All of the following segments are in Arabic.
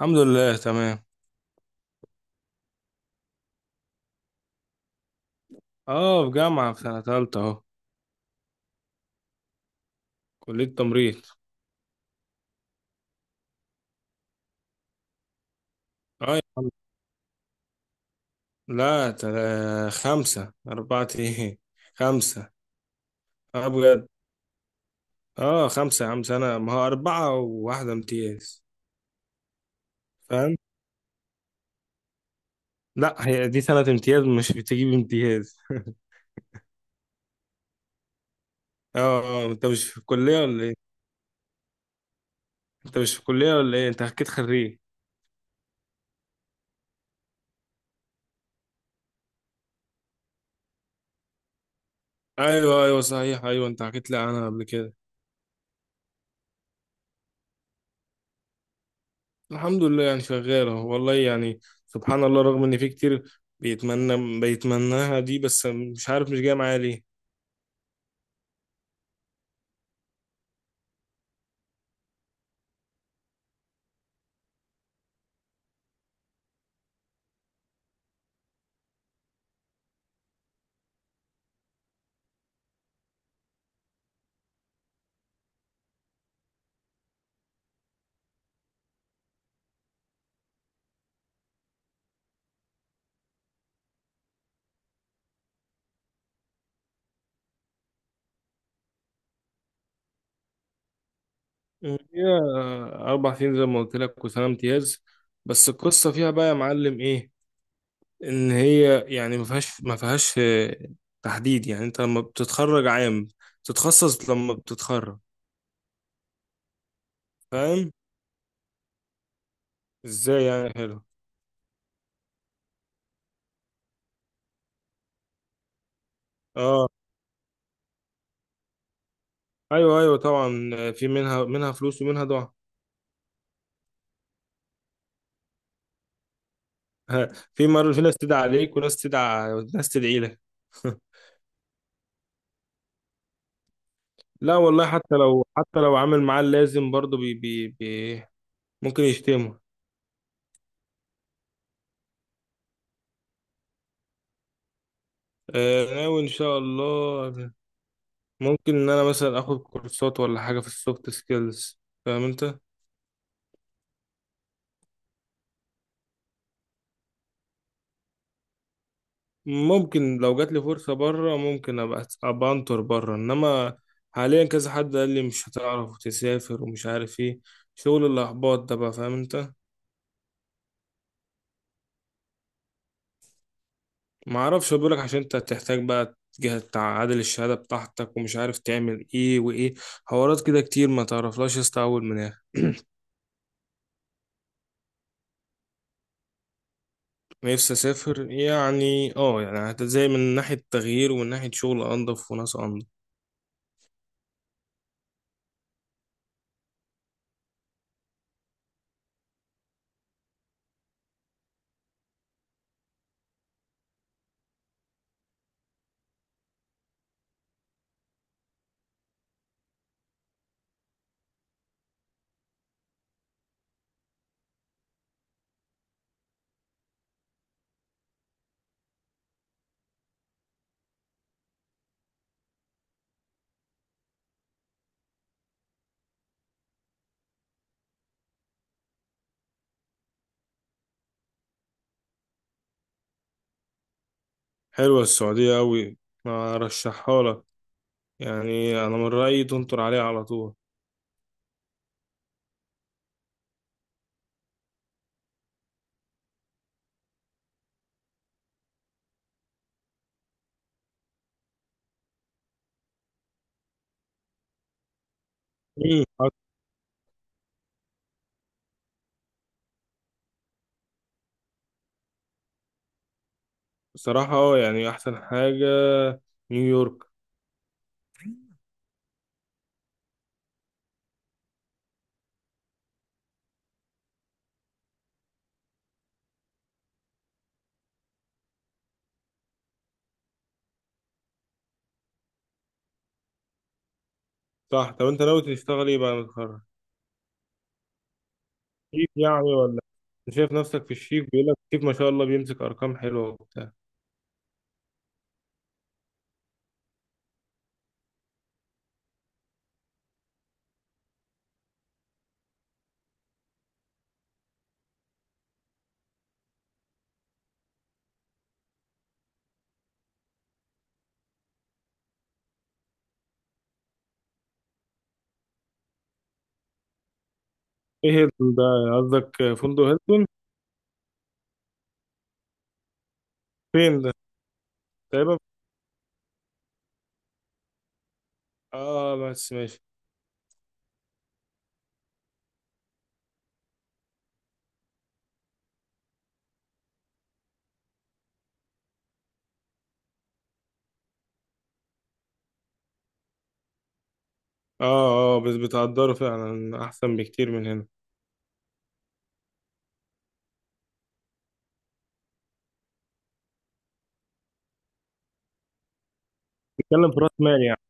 الحمد لله، تمام. اه، في جامعة، في سنة تالتة اهو. كلية تمريض. اه يا عم. لا، خمسة، أربعة، ايه، خمسة. اه بجد. اه خمسة يا عم، سنة، ما هو أربعة وواحدة امتياز. فاهم. لا، هي دي سنة امتياز، مش بتجيب امتياز. اه. اه، انت مش في الكلية ولا ايه؟ انت مش في الكلية ولا ايه، انت حكيت خريج. ايوه ايوه، صحيح، ايوه انت حكيت لي عنها قبل كده. الحمد لله، يعني شغالة والله يعني. سبحان الله، رغم إن في كتير بيتمناها دي، بس مش عارف مش جاية معايا ليه. هي أربع سنين زي ما قلت لك، وسنة امتياز. بس القصة فيها بقى يا معلم إيه؟ إن هي يعني ما فيهاش تحديد. يعني أنت لما بتتخرج عام تتخصص، لما بتتخرج. فاهم. إزاي يعني حلو؟ أه، أيوه أيوه طبعا. في منها فلوس، ومنها دعاء. ها، في مرة في ناس تدعي عليك، وناس تدعي ناس تدعي لك. لا والله، حتى لو عامل معاه اللازم برضه، بي بي بي ممكن يشتمه. ناوي ان شاء الله. ممكن ان انا مثلا اخد كورسات ولا حاجة في السوفت سكيلز. فاهم انت. ممكن، لو جات لي فرصة بره، ممكن ابقى انطر بره، انما حاليا كذا حد قال لي مش هتعرف تسافر، ومش عارف ايه. شغل الاحباط ده بقى، فاهم انت. ما اعرفش، بقولك عشان انت هتحتاج بقى جهة تعادل الشهادة بتاعتك، ومش عارف تعمل ايه وايه. حوارات كده كتير، ما تعرفلاش يا اسطى اول من اخر. نفسي اسافر يعني، اه يعني، زي من ناحية تغيير، ومن ناحية شغل انضف وناس انضف. حلوة السعودية اوي، ارشحها لك. يعني انا من رأيي تنطر عليها على طول. مم. بصراحة اه، يعني احسن حاجة نيويورك. صح. طب انت ناوي تشتغل ايه بعد ما تتخرج؟ شيك يعني ولا إيه؟ انت شايف نفسك في الشيك؟ بيقول لك الشيك ما شاء الله بيمسك ارقام حلوه وبتاع. ايه هيلتون ده؟ قصدك فندق هيلتون؟ فين ده تقريبا؟ اه بس ماشي. اه. اه بس بتقدره فعلا احسن بكتير من هنا. بتتكلم في راس مال يعني.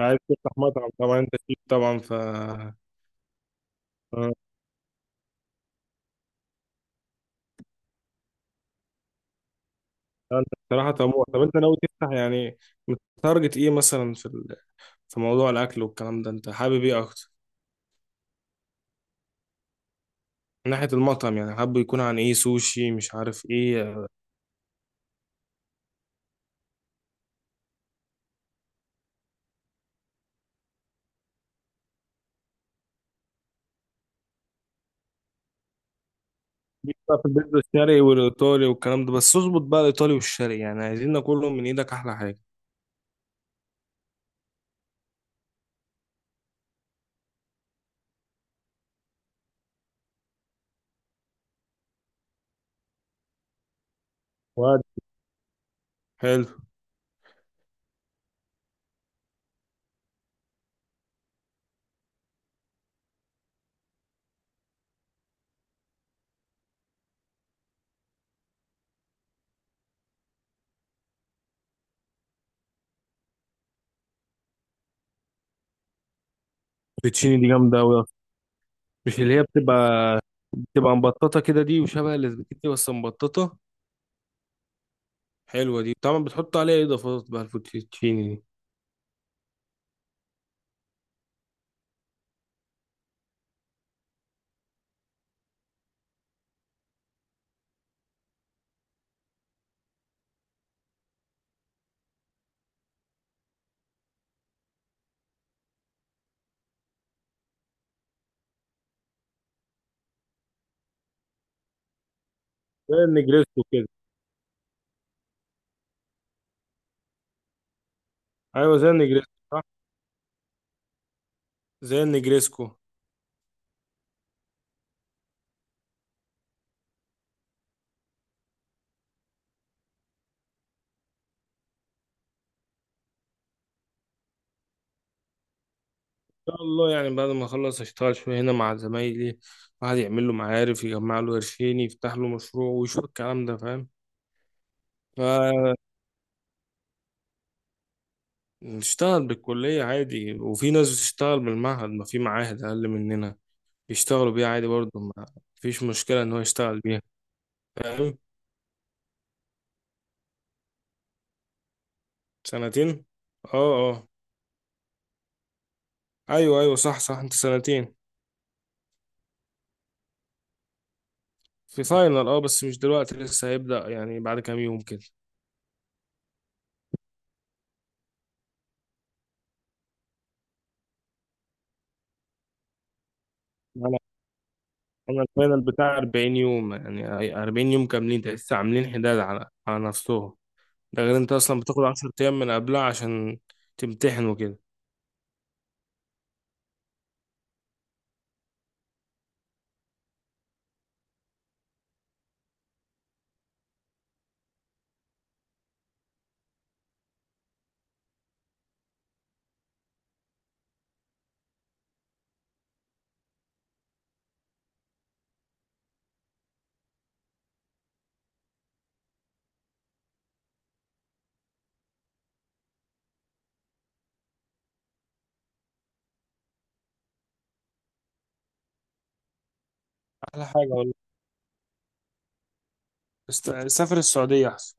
عايز تفتح مطعم طبعا، انت شيك طبعا، ف انت بصراحه طموح. طب انت ناوي تفتح يعني متارجت ايه مثلا في موضوع الاكل والكلام ده، انت حابب ايه اكتر؟ من ناحيه المطعم يعني، حابب يكون عن ايه، سوشي، مش عارف ايه؟ ليك بقى في البيتزا، الشرقي والايطالي والكلام ده، بس اظبط بقى الايطالي والشرقي، يعني عايزين ناكلهم من ايدك، احلى حاجه. واد حلو. الفيتشيني دي جامده قوي اصلا. مش اللي هي بتبقى مبططه كده دي، وشبه الاسباجيتي بس مبططه. حلوه دي، طبعا بتحط عليها إيه اضافات بقى الفوتشيني دي؟ زي النجريسكو كده. ايوه زي النجريسكو، صح. زي النجريسكو. ان شاء الله، يعني بعد ما اخلص اشتغل شويه هنا مع زمايلي. واحد يعمل له معارف، يجمع له قرشين، يفتح له مشروع، ويشوف الكلام ده، فاهم. نشتغل بالكلية عادي، وفي ناس بتشتغل بالمعهد، ما في معاهد أقل مننا يشتغلوا بيها عادي برضه. ما فيش مشكلة إن هو يشتغل بيها. فاهم. سنتين. اه. اه أيوه أيوه، صح صح، أنت سنتين. في فاينل اه، بس مش دلوقتي، لسه هيبدأ يعني بعد كام يوم كده. أنا أنا الفاينل بتاع 40 يوم، يعني 40 يوم كاملين، ده لسه عاملين حداد على نفسهم. ده غير أنت أصلا بتاخد 10 أيام من قبلها عشان تمتحن وكده. أحلى حاجة والله. سافر السعودية أحسن.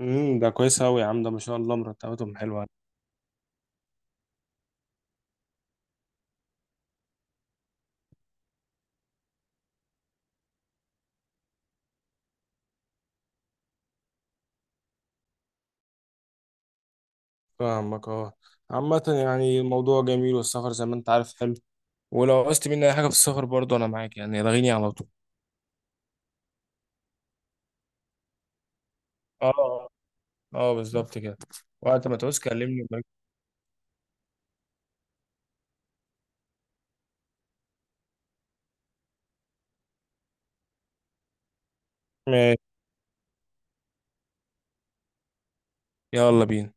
ده كويس أوي يا عم، ده ما شاء الله مرتباتهم حلوة. فاهمك، اه. عامة يعني الموضوع جميل، والسفر زي ما أنت عارف حلو. ولو عوزت مني أي حاجة في السفر برضه أنا معاك، يعني لغيني على طول. اه. اه بالظبط كده. وقت ما تعوز كلمني. ماشي، يلا بينا.